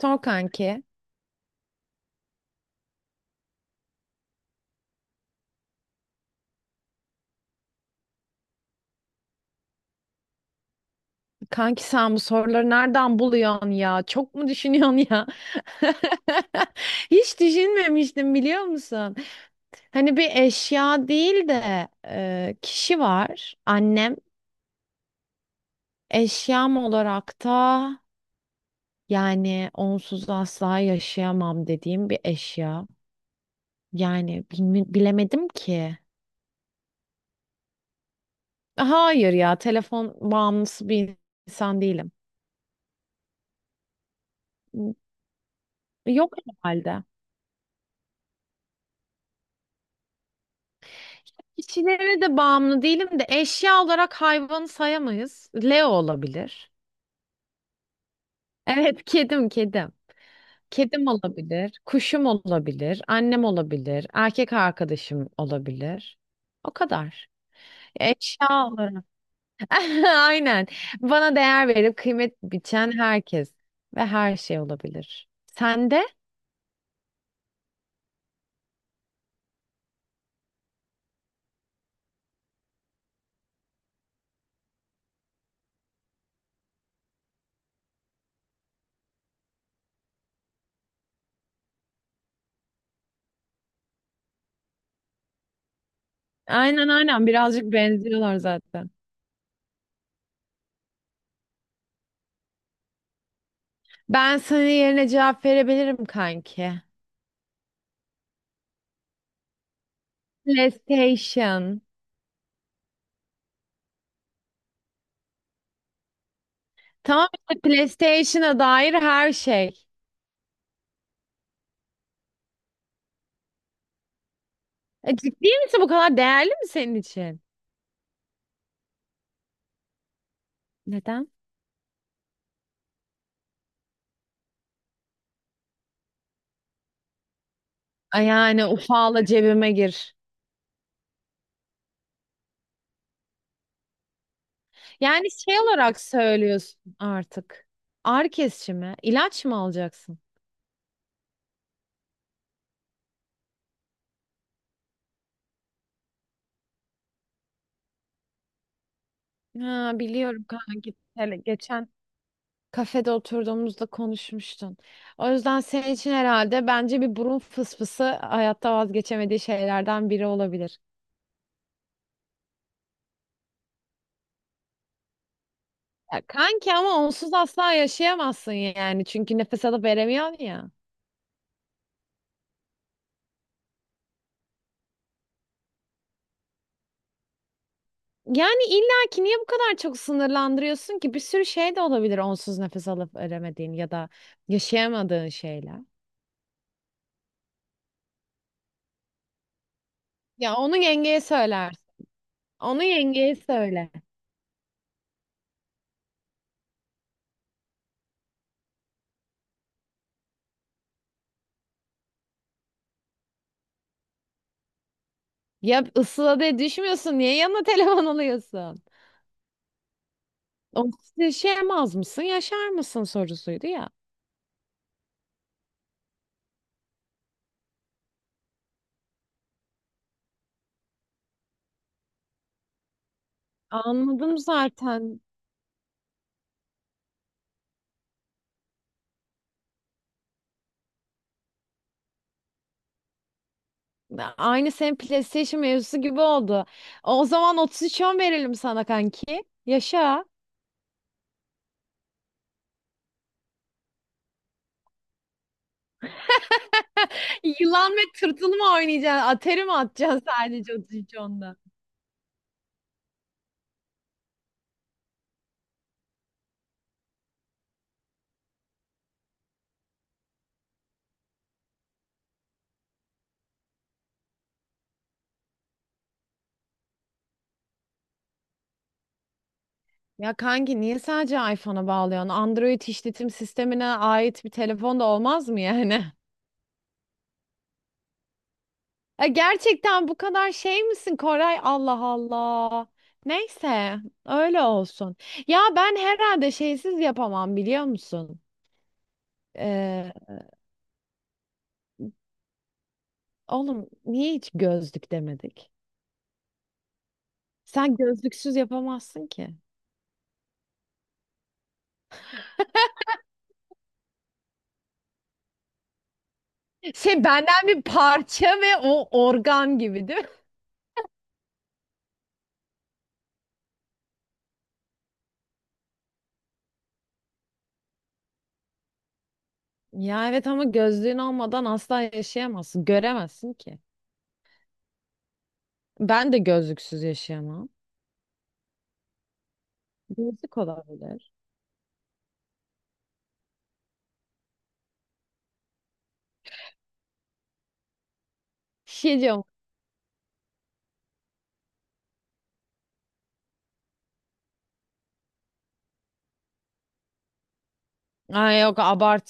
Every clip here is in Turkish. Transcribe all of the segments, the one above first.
Sor kanki. Kanki sen bu soruları nereden buluyorsun ya? Çok mu düşünüyorsun ya? Hiç düşünmemiştim biliyor musun? Hani bir eşya değil de kişi var. Annem eşyam olarak da yani onsuz asla yaşayamam dediğim bir eşya. Yani bilemedim ki. Hayır ya telefon bağımlısı bir insan değilim. Yok herhalde. Kişilere de bağımlı değilim de eşya olarak hayvanı sayamayız. Leo olabilir. Evet, kedim, kedim. Kedim olabilir, kuşum olabilir, annem olabilir, erkek arkadaşım olabilir. O kadar. Eşya olarak. Aynen. Bana değer verip kıymet biçen herkes ve her şey olabilir. Sen de? Aynen aynen birazcık benziyorlar zaten. Ben senin yerine cevap verebilirim kanki. PlayStation. Tamam işte PlayStation'a dair her şey. Ciddi misin bu kadar değerli mi senin için? Neden? Ay yani ufala cebime gir. Yani şey olarak söylüyorsun artık. Ağrı kesici mi? İlaç mı alacaksın? Ha, biliyorum kanki. Hele geçen kafede oturduğumuzda konuşmuştun. O yüzden senin için herhalde bence bir burun fısfısı hayatta vazgeçemediği şeylerden biri olabilir. Ya kanki ama onsuz asla yaşayamazsın yani. Çünkü nefes alıp veremiyorsun ya. Yani illa ki niye bu kadar çok sınırlandırıyorsun ki? Bir sürü şey de olabilir onsuz nefes alıp veremediğin ya da yaşayamadığın şeyler. Ya onu yengeye söylersin. Onu yengeye söyle. Ya ısıla diye düşmüyorsun. Niye yanına telefon alıyorsun? Onsuz yaşayamaz mısın? Yaşar mısın sorusuydu ya. Anladım zaten. Aynı senin PlayStation mevzusu gibi oldu. O zaman 33 10 verelim sana kanki. Yaşa. Yılan ve tırtıl mı oynayacaksın? Atari mi atacaksın sadece 3310'da. Ya kanki niye sadece iPhone'a bağlıyorsun? Android işletim sistemine ait bir telefon da olmaz mı yani? Ya gerçekten bu kadar şey misin Koray? Allah Allah. Neyse öyle olsun. Ya ben herhalde şeysiz yapamam biliyor musun? Ee, oğlum niye hiç gözlük demedik? Sen gözlüksüz yapamazsın ki. Şey benden bir parça ve o organ gibi değil mi? Ya evet ama gözlüğün olmadan asla yaşayamazsın. Göremezsin ki. Ben de gözlüksüz yaşayamam. Gözlük olabilir. Bir şey diyorum. Ay yok abart.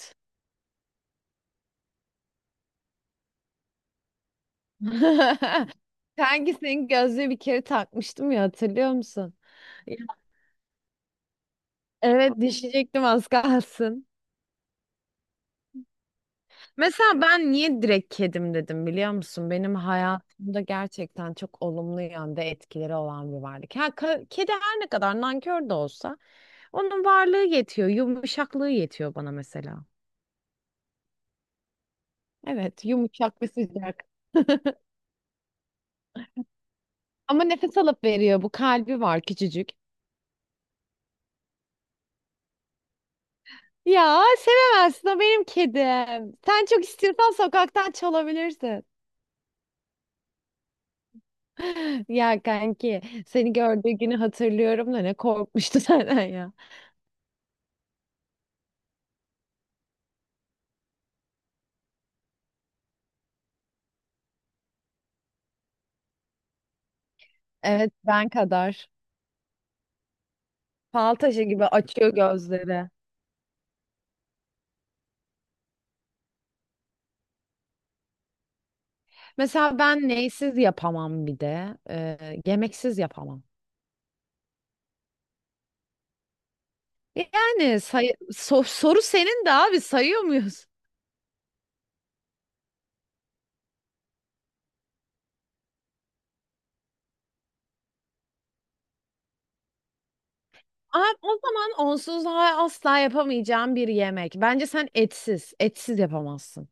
Kanki senin gözlüğü bir kere takmıştım ya hatırlıyor musun? Ya, evet düşecektim az kalsın. Mesela ben niye direkt kedim dedim biliyor musun? Benim hayatımda gerçekten çok olumlu yönde etkileri olan bir varlık. Ha, kedi her ne kadar nankör de olsa onun varlığı yetiyor, yumuşaklığı yetiyor bana mesela. Evet, yumuşak ve sıcak. Ama nefes alıp veriyor. Bu kalbi var küçücük. Ya sevemezsin o benim kedim. Sen çok istiyorsan sokaktan çalabilirsin. Ya kanki seni gördüğü günü hatırlıyorum da ne korkmuştu senden ya. Evet ben kadar. Fal taşı gibi açıyor gözleri. Mesela ben neysiz yapamam bir de. Yemeksiz yapamam. Yani say soru senin de abi sayıyor muyuz? Aa, o zaman onsuz asla yapamayacağım bir yemek. Bence sen etsiz, etsiz yapamazsın.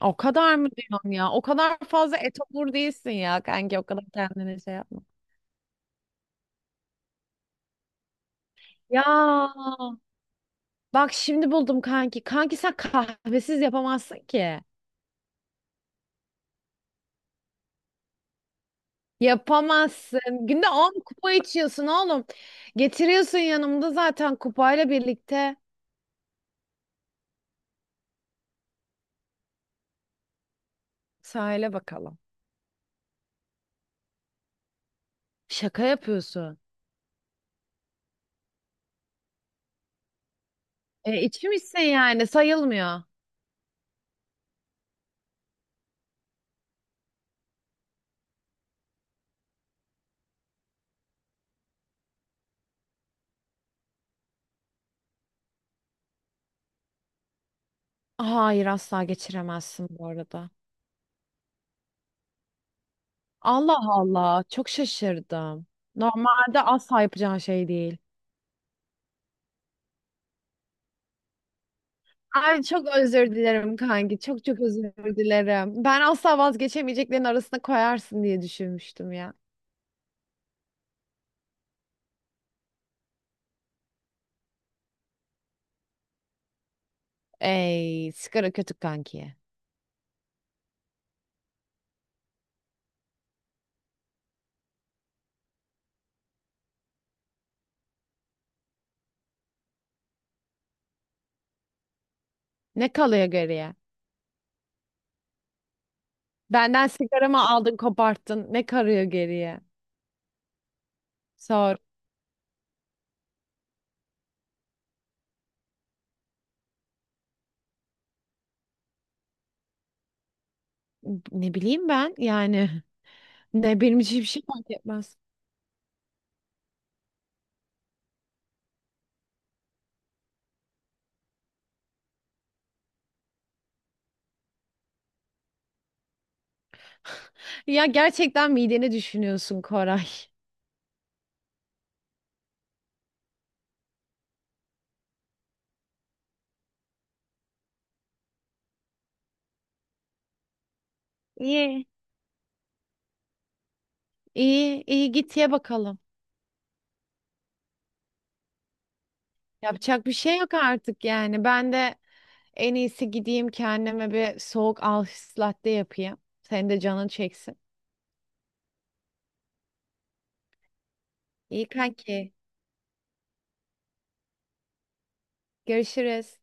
O kadar mı diyorsun ya? O kadar fazla etobur değilsin ya kanki. O kadar kendine şey yapma. Ya bak şimdi buldum kanki. Kanki sen kahvesiz yapamazsın ki. Yapamazsın. Günde 10 kupa içiyorsun oğlum. Getiriyorsun yanımda zaten kupayla birlikte. Sahile bakalım. Şaka yapıyorsun. E, içmişsin yani sayılmıyor. Hayır asla geçiremezsin bu arada. Allah Allah çok şaşırdım. Normalde asla yapacağın şey değil. Ay çok özür dilerim kanki. Çok çok özür dilerim. Ben asla vazgeçemeyeceklerin arasına koyarsın diye düşünmüştüm ya. Ey sigara kötü kanki. Ne kalıyor geriye? Benden sigaramı aldın, koparttın. Ne karıyor geriye? Sor. Ne bileyim ben yani. Ne benim için bir şey fark etmez. Ya gerçekten mideni düşünüyorsun Koray. İyi. İyi, iyi git ye bakalım. Yapacak bir şey yok artık yani. Ben de en iyisi gideyim kendime bir soğuk Alsız latte yapayım. Senin de canın çeksin. İyi kanki. Görüşürüz.